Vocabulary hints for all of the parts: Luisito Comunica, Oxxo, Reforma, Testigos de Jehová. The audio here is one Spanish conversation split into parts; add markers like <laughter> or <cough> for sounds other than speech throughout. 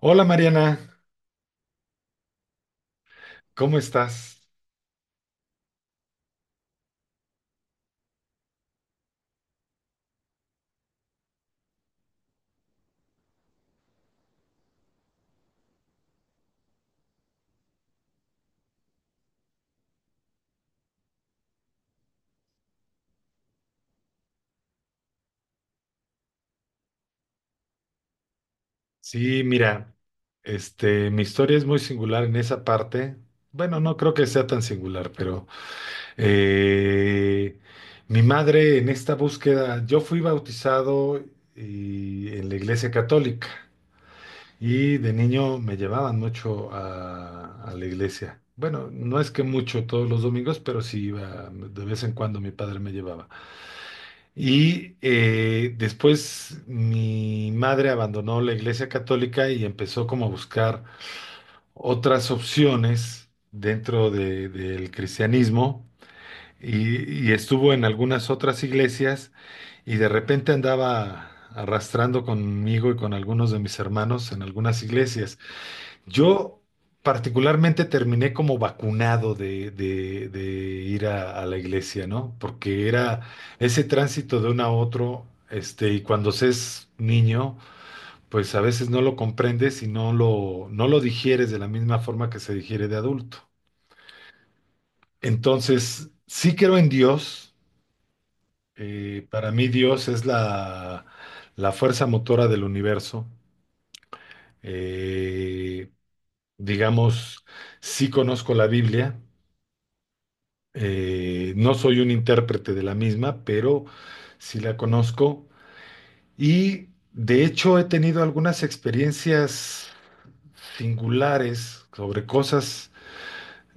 Hola Mariana, ¿cómo estás? Sí, mira, mi historia es muy singular en esa parte. Bueno, no creo que sea tan singular, pero eh, mi madre en esta búsqueda, yo fui bautizado en la iglesia católica y de niño me llevaban mucho a la iglesia. Bueno, no es que mucho todos los domingos, pero sí iba de vez en cuando mi padre me llevaba. Y después mi madre abandonó la iglesia católica y empezó como a buscar otras opciones del cristianismo y estuvo en algunas otras iglesias y de repente andaba arrastrando conmigo y con algunos de mis hermanos en algunas iglesias. Yo particularmente terminé como vacunado de ir a la iglesia, ¿no? Porque era ese tránsito de uno a otro, y cuando se es niño, pues a veces no lo comprendes y no lo digieres de la misma forma que se digiere de adulto. Entonces, sí creo en Dios. Para mí Dios es la fuerza motora del universo. Eh, digamos, sí conozco la Biblia. No soy un intérprete de la misma, pero sí la conozco. Y de hecho he tenido algunas experiencias singulares sobre cosas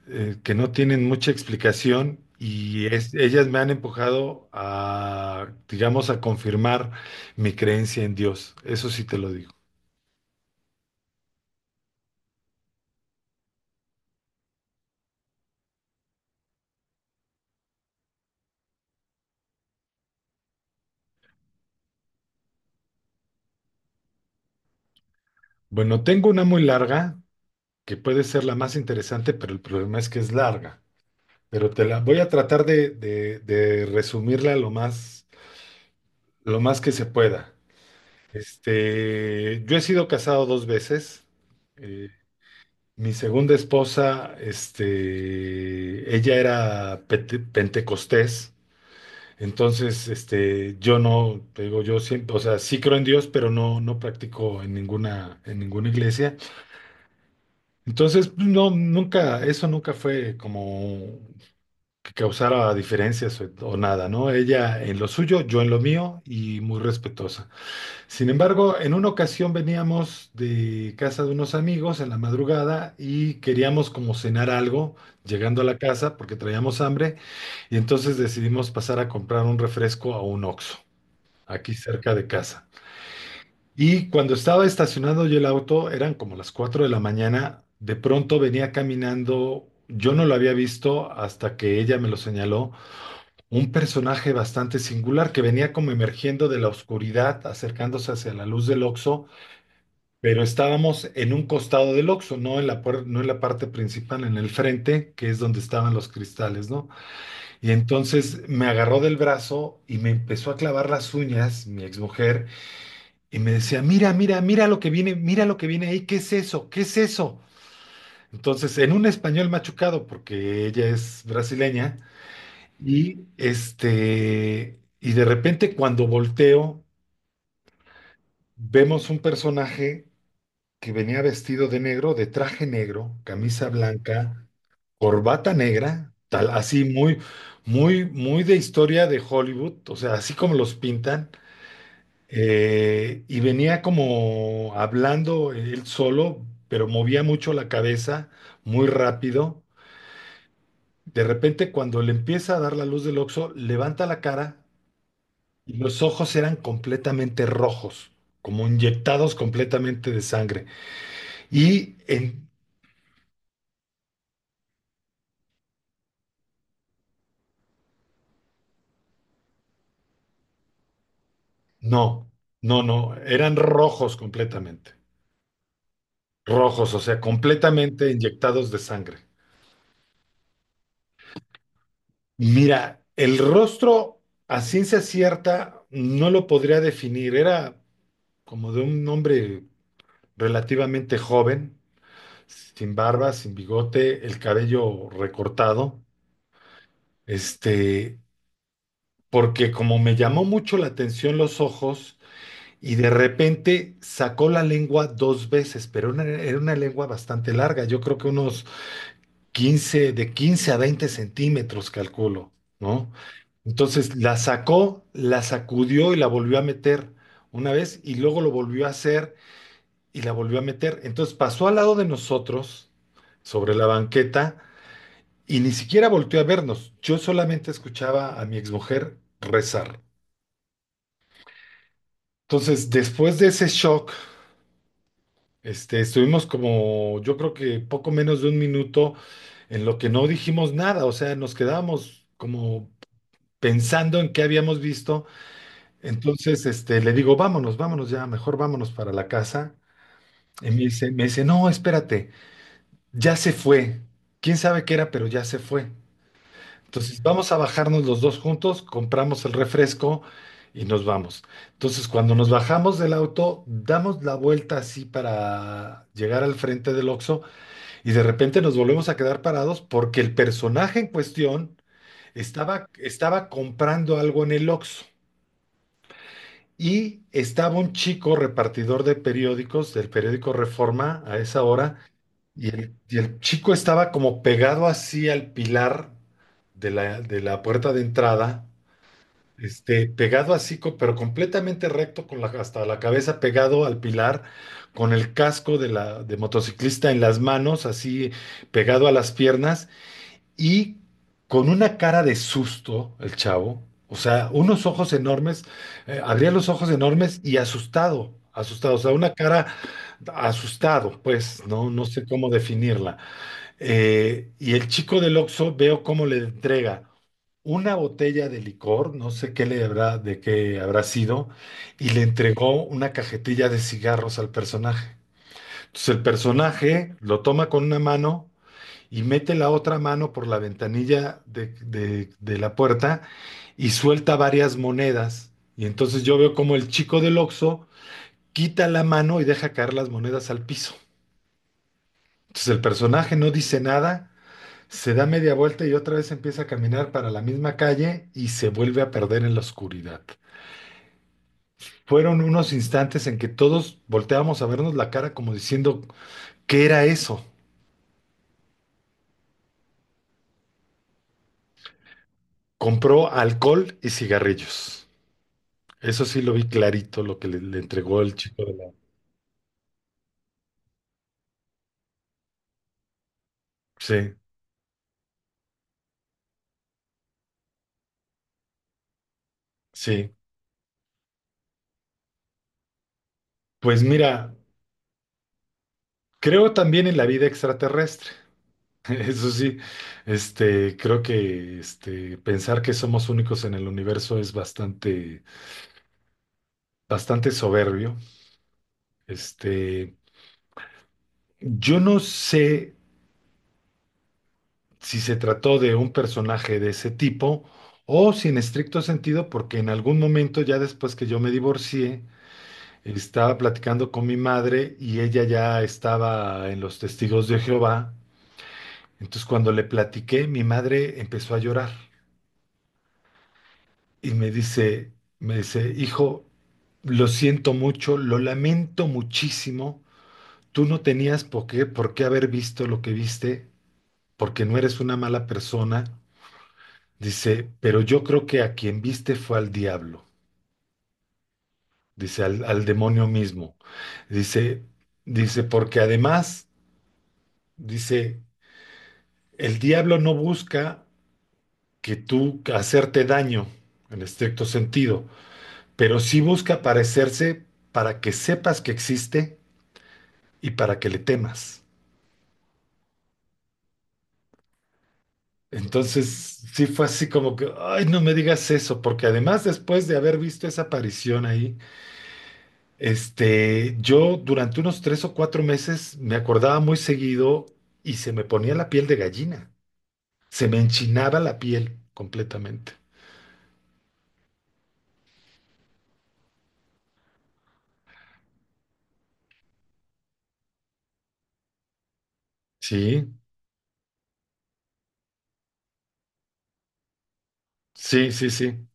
que no tienen mucha explicación y ellas me han empujado a, digamos, a confirmar mi creencia en Dios. Eso sí te lo digo. Bueno, tengo una muy larga, que puede ser la más interesante, pero el problema es que es larga. Pero te la voy a tratar de resumirla lo más que se pueda. Yo he sido casado dos veces. Eh, Mi segunda esposa, ella era pentecostés. Entonces, yo no, te digo, yo siempre, o sea, sí creo en Dios, pero no practico en ninguna iglesia. Entonces, no, nunca, eso nunca fue como que causara diferencias o nada, ¿no? Ella en lo suyo, yo en lo mío y muy respetuosa. Sin embargo, en una ocasión veníamos de casa de unos amigos en la madrugada y queríamos como cenar algo llegando a la casa porque traíamos hambre y entonces decidimos pasar a comprar un refresco a un Oxxo, aquí cerca de casa. Y cuando estaba estacionado yo el auto, eran como las 4 de la mañana. De pronto venía caminando, yo no lo había visto hasta que ella me lo señaló, un personaje bastante singular que venía como emergiendo de la oscuridad, acercándose hacia la luz del Oxxo, pero estábamos en un costado del Oxxo, no en la parte principal, en el frente, que es donde estaban los cristales, ¿no? Y entonces me agarró del brazo y me empezó a clavar las uñas, mi exmujer, y me decía, mira, mira, mira lo que viene, mira lo que viene ahí, ¿qué es eso? ¿Qué es eso? Entonces, en un español machucado, porque ella es brasileña. Y de repente cuando volteo, vemos un personaje que venía vestido de negro, de traje negro, camisa blanca, corbata negra, tal, así muy, muy, muy de historia de Hollywood, o sea, así como los pintan. Y venía como hablando él solo, pero movía mucho la cabeza, muy rápido. De repente, cuando le empieza a dar la luz del oxo levanta la cara. Y los ojos eran completamente rojos, como inyectados completamente de sangre. Y en... no, no, no, eran rojos completamente. Rojos, o sea, completamente inyectados de sangre. Mira, el rostro a ciencia cierta no lo podría definir. Era como de un hombre relativamente joven, sin barba, sin bigote, el cabello recortado. Este, Porque como me llamó mucho la atención los ojos y de repente sacó la lengua dos veces, pero era una lengua bastante larga, yo creo que unos 15 de 15 a 20 centímetros, calculo, ¿no? Entonces la sacó, la sacudió y la volvió a meter una vez y luego lo volvió a hacer y la volvió a meter. Entonces pasó al lado de nosotros, sobre la banqueta, y ni siquiera volteó a vernos. Yo solamente escuchaba a mi exmujer rezar. Entonces, después de ese shock, estuvimos como, yo creo que poco menos de un minuto en lo que no dijimos nada, o sea, nos quedábamos como pensando en qué habíamos visto. Entonces, le digo, vámonos, vámonos ya, mejor vámonos para la casa. Y me dice, no, espérate, ya se fue. ¿Quién sabe qué era, pero ya se fue? Entonces vamos a bajarnos los dos juntos, compramos el refresco y nos vamos. Entonces cuando nos bajamos del auto, damos la vuelta así para llegar al frente del Oxxo y de repente nos volvemos a quedar parados porque el personaje en cuestión estaba comprando algo en el Oxxo. Y estaba un chico repartidor de periódicos del periódico Reforma a esa hora, y el chico estaba como pegado así al pilar de la puerta de entrada, pegado así, pero completamente recto con hasta la cabeza, pegado al pilar, con el casco de la de motociclista en las manos, así pegado a las piernas y con una cara de susto el chavo, o sea, unos ojos enormes. Abría los ojos enormes y asustado, asustado, o sea, una cara asustado, pues, no sé cómo definirla. Y el chico del Oxxo, veo cómo le entrega una botella de licor, no sé qué le habrá, de qué habrá sido, y le entregó una cajetilla de cigarros al personaje. Entonces el personaje lo toma con una mano y mete la otra mano por la ventanilla de la puerta y suelta varias monedas. Y entonces yo veo como el chico del Oxxo quita la mano y deja caer las monedas al piso. Entonces el personaje no dice nada, se da media vuelta y otra vez empieza a caminar para la misma calle y se vuelve a perder en la oscuridad. Fueron unos instantes en que todos volteábamos a vernos la cara como diciendo, ¿qué era eso? Compró alcohol y cigarrillos. Eso sí lo vi clarito, lo que le entregó el chico de la... Sí, sí. Pues mira, creo también en la vida extraterrestre. <laughs> Eso sí, creo que pensar que somos únicos en el universo es bastante, bastante soberbio. Este, yo no sé si se trató de un personaje de ese tipo o si en estricto sentido, porque en algún momento ya después que yo me divorcié, estaba platicando con mi madre y ella ya estaba en los Testigos de Jehová. Entonces cuando le platiqué, mi madre empezó a llorar y me dice, hijo, lo siento mucho, lo lamento muchísimo. Tú no tenías por qué haber visto lo que viste. Porque no eres una mala persona. Dice, pero yo creo que a quien viste fue al diablo, dice, al demonio mismo. Dice, dice, porque además, dice, el diablo no busca que tú hacerte daño, en estricto sentido, pero sí busca parecerse para que sepas que existe y para que le temas. Entonces, sí fue así como que, ay, no me digas eso, porque además después de haber visto esa aparición ahí, yo durante unos 3 o 4 meses me acordaba muy seguido y se me ponía la piel de gallina. Se me enchinaba la piel completamente. Sí, sí, sí, sí,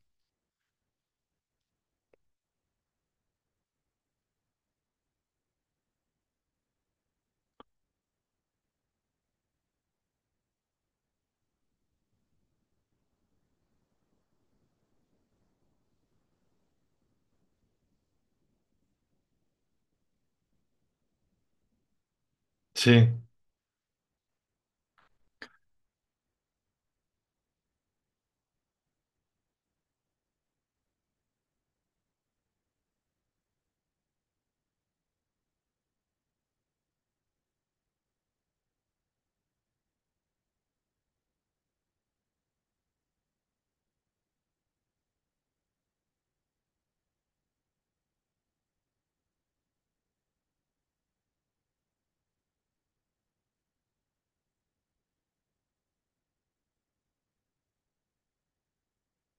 sí,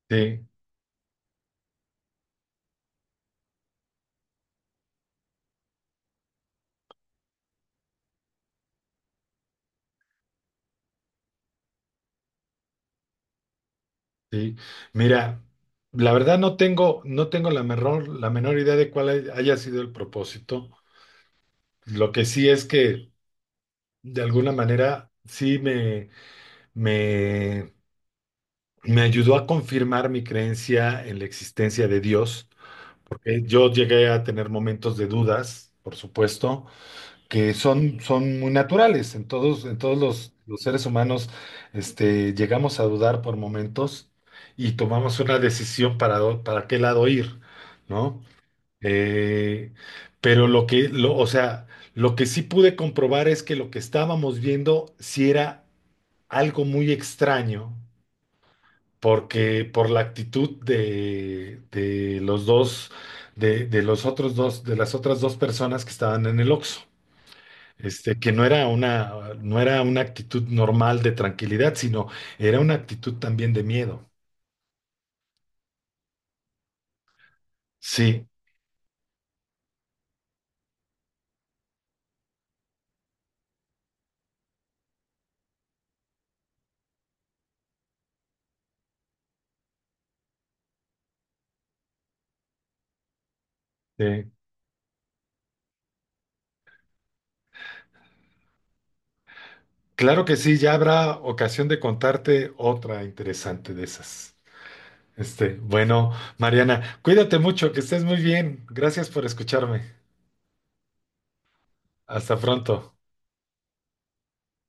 sí, sí. Mira, la verdad no tengo la menor idea de cuál haya sido el propósito. Lo que sí es que de alguna manera sí me, me ayudó a confirmar mi creencia en la existencia de Dios. Yo llegué a tener momentos de dudas, por supuesto, que son muy naturales. En todos los seres humanos, llegamos a dudar por momentos y tomamos una decisión para qué lado ir, ¿no? Eh, pero o sea, lo que sí pude comprobar es que lo que estábamos viendo sí era algo muy extraño porque por la actitud de los dos, de los otros dos, de las otras dos personas que estaban en el Oxxo. Que no era una, no era una actitud normal de tranquilidad, sino era una actitud también de miedo. Sí, sí. Claro que sí, ya habrá ocasión de contarte otra interesante de esas. Bueno, Mariana, cuídate mucho, que estés muy bien. Gracias por escucharme. Hasta pronto.